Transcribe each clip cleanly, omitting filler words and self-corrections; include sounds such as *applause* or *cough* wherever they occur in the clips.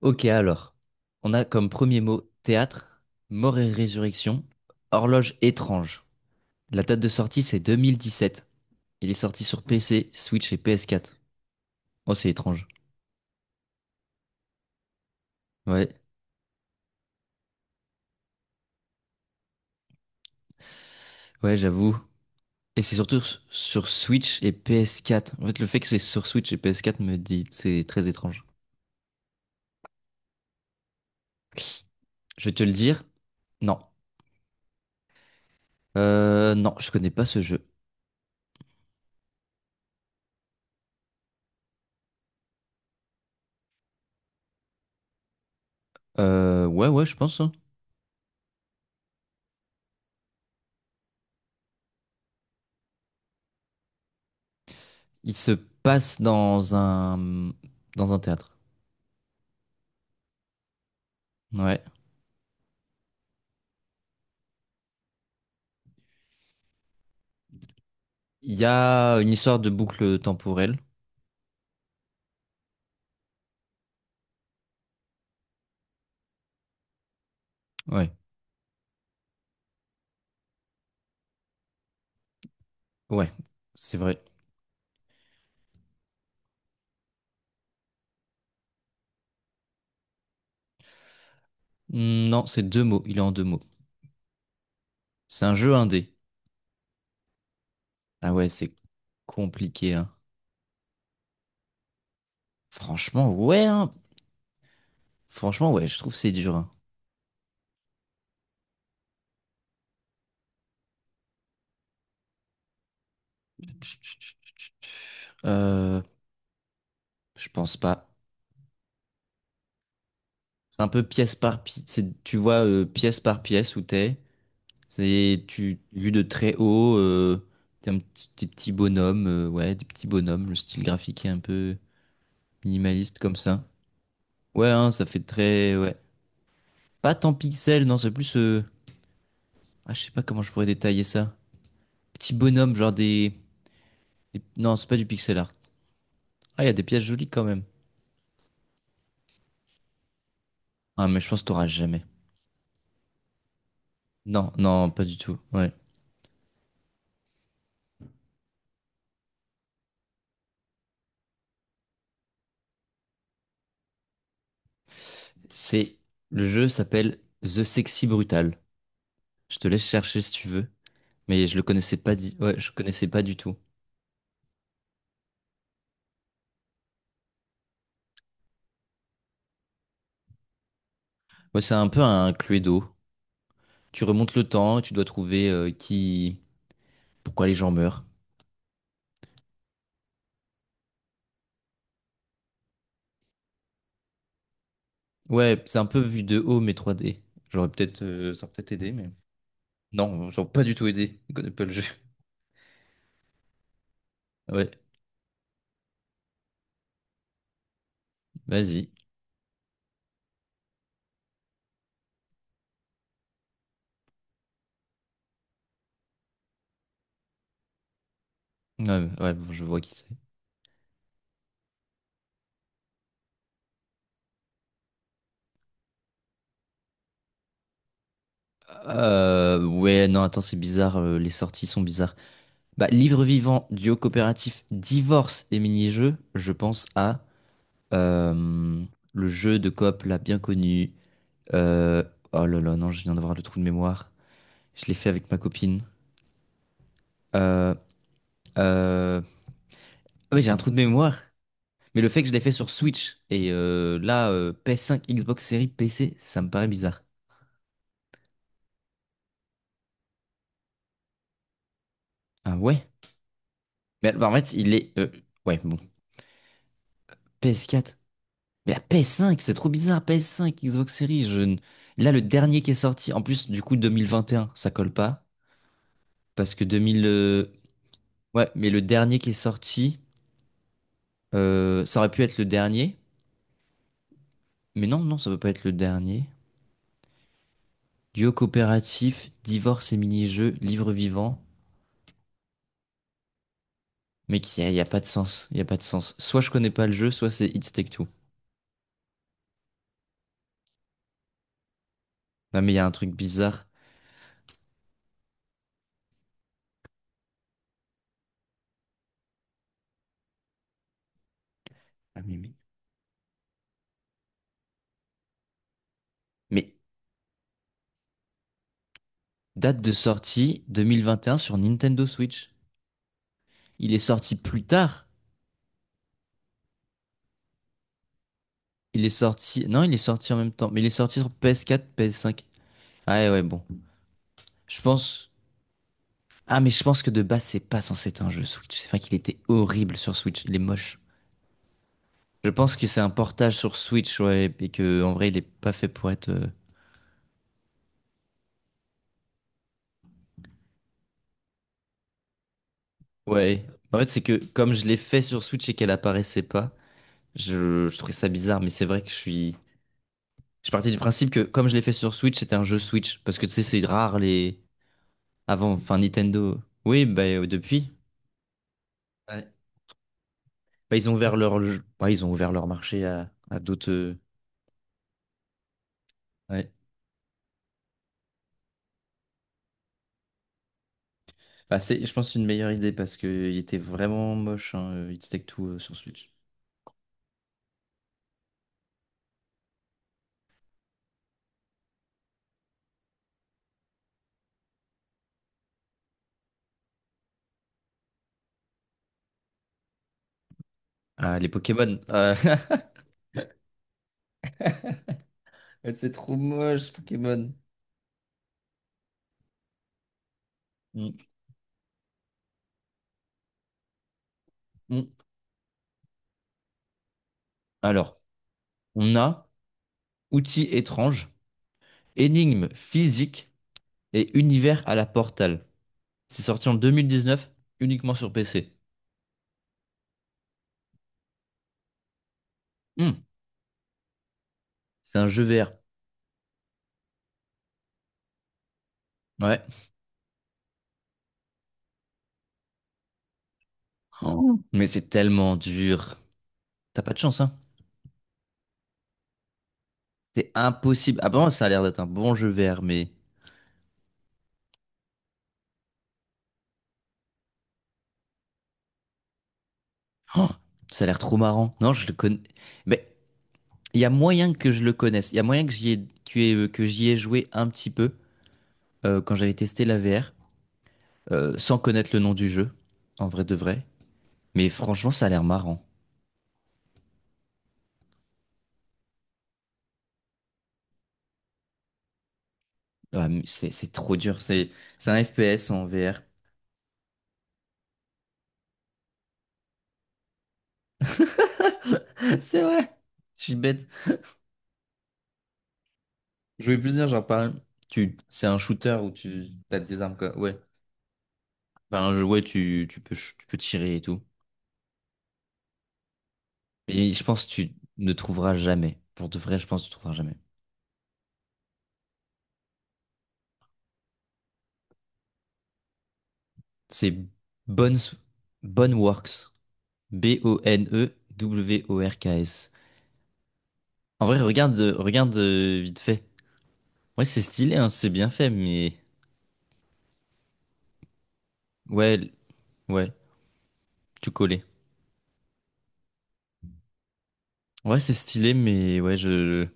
Ok, alors, on a comme premier mot théâtre, mort et résurrection, horloge étrange. La date de sortie, c'est 2017. Il est sorti sur PC, Switch et PS4. Oh, c'est étrange. Ouais, ouais, j'avoue. Et c'est surtout sur Switch et PS4. En fait, le fait que c'est sur Switch et PS4 me dit c'est très étrange. Je vais te le dire. Non. Non, je connais pas ce jeu. Ouais, ouais, je pense, hein. Il se passe dans un théâtre. Ouais. Il y a une histoire de boucle temporelle. Ouais, ouais, c'est vrai. Hmm, non, c'est deux mots. Il est en deux mots. C'est un jeu indé. Ah ouais, c'est compliqué, hein. Franchement, ouais, hein. Franchement, ouais, je trouve c'est dur, hein. Euh, je pense pas. C'est un peu pièce par pièce. C'est, tu vois, pièce par pièce où t'es. C'est, vu de très haut, t'es des petits bonhommes, ouais, des petits bonhommes. Le style graphique est un peu minimaliste comme ça. Ouais, hein, ça fait très, ouais. Pas tant pixel, non, c'est plus, ah, je sais pas comment je pourrais détailler ça. Petit bonhomme, genre des. Non, c'est pas du pixel art. Ah, il y a des pièces jolies quand même. Ah, mais je pense que t'auras jamais. Non, non, pas du tout. Ouais. C'est. Le jeu s'appelle The Sexy Brutal. Je te laisse chercher si tu veux. Mais je le connaissais pas, ouais, je connaissais pas du tout. Ouais, c'est un peu un Cluedo. Tu remontes le temps, et tu dois trouver qui. Pourquoi les gens meurent. Ouais, c'est un peu vu de haut, mais 3D. J'aurais peut-être, ça aurait peut-être aidé, mais. Non, ils ont pas du tout aidé. Ils connaissent pas le jeu. Ouais, vas-y. Ouais, ouais, bon, je vois qui c'est. Ouais, non, attends, c'est bizarre, les sorties sont bizarres. Bah, livre vivant, duo coopératif, divorce et mini-jeu. Je pense à euh, le jeu de coop là, bien connu. Euh, oh là là, non, je viens d'avoir le trou de mémoire. Je l'ai fait avec ma copine. Euh, euh, ah ouais, j'ai un trou de mémoire. Mais le fait que je l'ai fait sur Switch et là, PS5, Xbox Series, PC, ça me paraît bizarre. Ah ouais? Mais bah, en fait, il est, ouais, bon. PS4. Mais la PS5, c'est trop bizarre. PS5, Xbox Series. Je... Là, le dernier qui est sorti. En plus, du coup, 2021, ça colle pas. Parce que 2000, ouais, mais le dernier qui est sorti, ça aurait pu être le dernier. Mais non, non, ça peut pas être le dernier. Duo coopératif, divorce et mini-jeu, livre vivant. Mais y a pas de sens. Il y a pas de sens. Soit je connais pas le jeu, soit c'est It's Take Two. Non, mais il y a un truc bizarre. Ah, mais date de sortie 2021 sur Nintendo Switch. Il est sorti plus tard. Il est sorti. Non, il est sorti en même temps. Mais il est sorti sur PS4, PS5. Ah ouais, ouais, bon. Je pense. Ah, mais je pense que de base, c'est pas censé être un jeu Switch. C'est vrai qu'il était horrible sur Switch. Il est moche. Je pense que c'est un portage sur Switch, ouais. Et que, en vrai, il est pas fait pour être, ouais. En fait, c'est que comme je l'ai fait sur Switch et qu'elle apparaissait pas, je trouvais ça bizarre. Mais c'est vrai que je suis. Je partais du principe que comme je l'ai fait sur Switch, c'était un jeu Switch. Parce que tu sais, c'est rare les, avant, enfin Nintendo. Oui, bah depuis. Ouais. Bah, ils ont ouvert leur marché à d'autres, ouais. Bah, c'est, je pense, une meilleure idée parce que il était vraiment moche, hein, It's Take Two sur Switch. Ah, les Pokémon. Ah, *laughs* ouais, c'est trop moche, ce Pokémon. Mm, mm. Alors, on a outils étranges, énigmes physiques et univers à la Portal. C'est sorti en 2019, uniquement sur PC. Mm. C'est un jeu VR. Ouais. Oh. Mais c'est tellement dur. T'as pas de chance, hein? C'est impossible. Ah, apparemment, ça a l'air d'être un bon jeu VR, mais... Oh, ça a l'air trop marrant. Non, je le connais. Mais il y a moyen que je le connaisse. Il y a moyen que j'y ai... que j'y ai joué un petit peu quand j'avais testé la VR, sans connaître le nom du jeu, en vrai de vrai. Mais franchement, ça a l'air marrant. Ouais, mais c'est trop dur. C'est un FPS en VR. *laughs* C'est vrai. Je suis bête. Je voulais plus dire, genre, par... tu... c'est un shooter où tu as des armes, quoi. Ouais. Ben, ouais, tu peux tirer et tout. Et je pense que tu ne trouveras jamais. Pour de vrai, je pense que tu ne trouveras jamais. C'est Bones, Boneworks. Boneworks. En vrai, regarde, vite fait. Ouais, c'est stylé, hein, c'est bien fait, mais... Ouais, ouais, tu collais. Ouais, c'est stylé, mais ouais, je...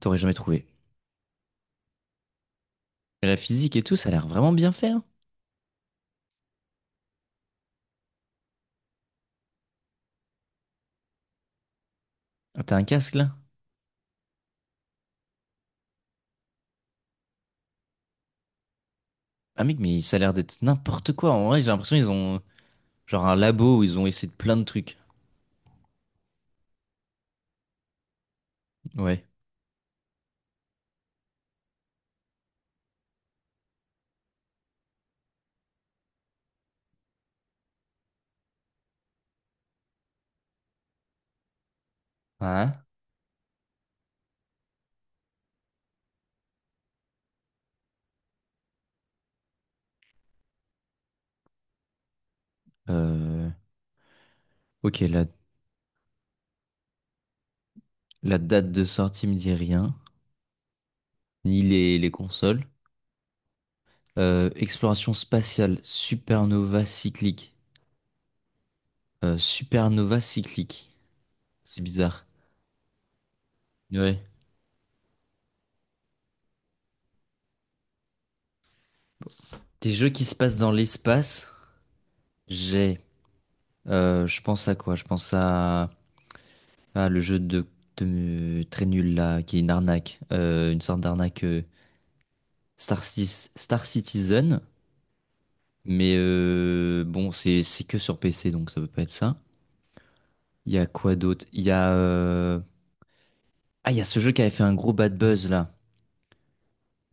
T'aurais jamais trouvé. Et la physique et tout, ça a l'air vraiment bien fait, hein. Ah, t'as un casque, là? Ah mec, mais ça a l'air d'être n'importe quoi. En vrai, j'ai l'impression qu'ils ont genre un labo où ils ont essayé de plein de trucs. Ouais. Hein? Euh, ok, la date de sortie me dit rien, ni les consoles. Exploration spatiale, supernova cyclique. Supernova cyclique. C'est bizarre. Ouais. Des jeux qui se passent dans l'espace, j'ai, je pense à quoi? Je pense à, le jeu très nul là, qui est une arnaque. Une sorte d'arnaque Star Citizen. Mais bon, c'est que sur PC, donc ça peut pas être ça. Il y a quoi d'autre? Il y a ce jeu qui avait fait un gros bad buzz là.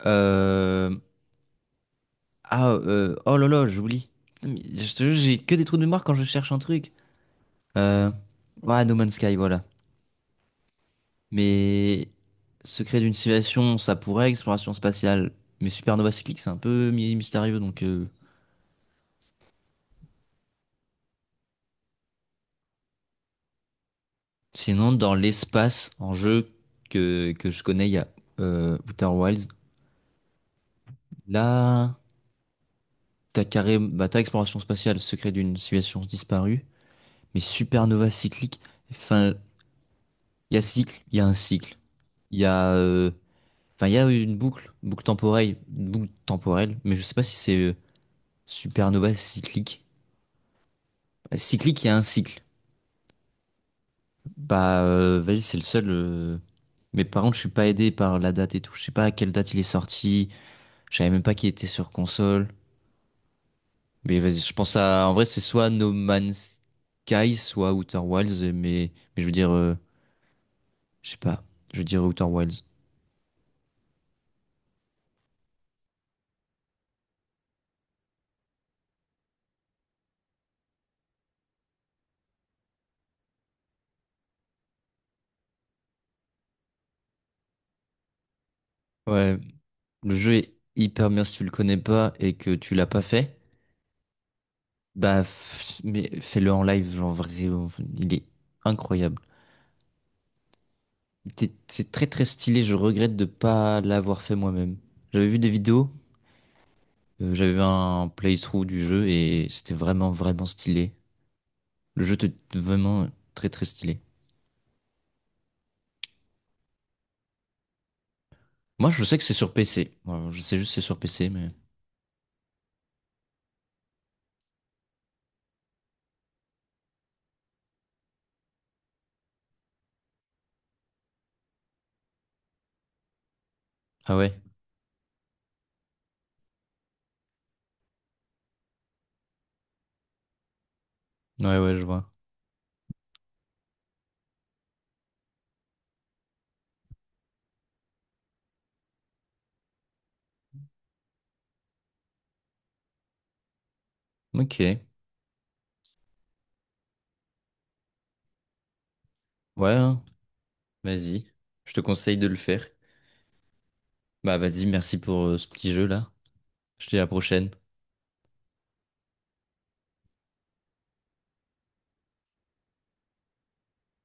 Euh, oh là là, j'oublie. Putain, mais je te jure j'ai que des trous de mémoire quand je cherche un truc. Euh... Ouais, No Man's Sky, voilà. Mais Secret d'une civilisation ça pourrait exploration spatiale. Mais Supernova Cyclique c'est un peu mystérieux donc, sinon dans l'espace en jeu que je connais il y a Outer Wilds. Là t'as carré bah t'as exploration spatiale Secret d'une civilisation disparue. Mais supernova cyclique, enfin, il y a cycle, il y a un cycle, il y a, enfin, il y a une boucle, boucle temporelle, mais je sais pas si c'est supernova cyclique. Cyclique, il y a un cycle. Bah, vas-y, c'est le seul, mais par contre, je suis pas aidé par la date et tout. Je sais pas à quelle date il est sorti. Je savais même pas qu'il était sur console. Mais vas-y, je pense à, en vrai, c'est soit No Man's Sky, soit Outer Wilds, mais je veux dire, je sais pas, je veux dire Outer Wilds. Ouais, le jeu est hyper bien si tu le connais pas et que tu l'as pas fait. Bah, mais fais-le en live, genre vraiment, il est incroyable. C'est très très stylé, je regrette de pas l'avoir fait moi-même. J'avais vu des vidéos, j'avais vu un playthrough du jeu et c'était vraiment vraiment stylé. Le jeu était vraiment très très stylé. Moi je sais que c'est sur PC. Moi, je sais juste que c'est sur PC mais... Ah ouais, ouais ouais je vois. Ok, ouais, hein. Vas-y, je te conseille de le faire. Bah vas-y, merci pour ce petit jeu là. Je te dis à la prochaine.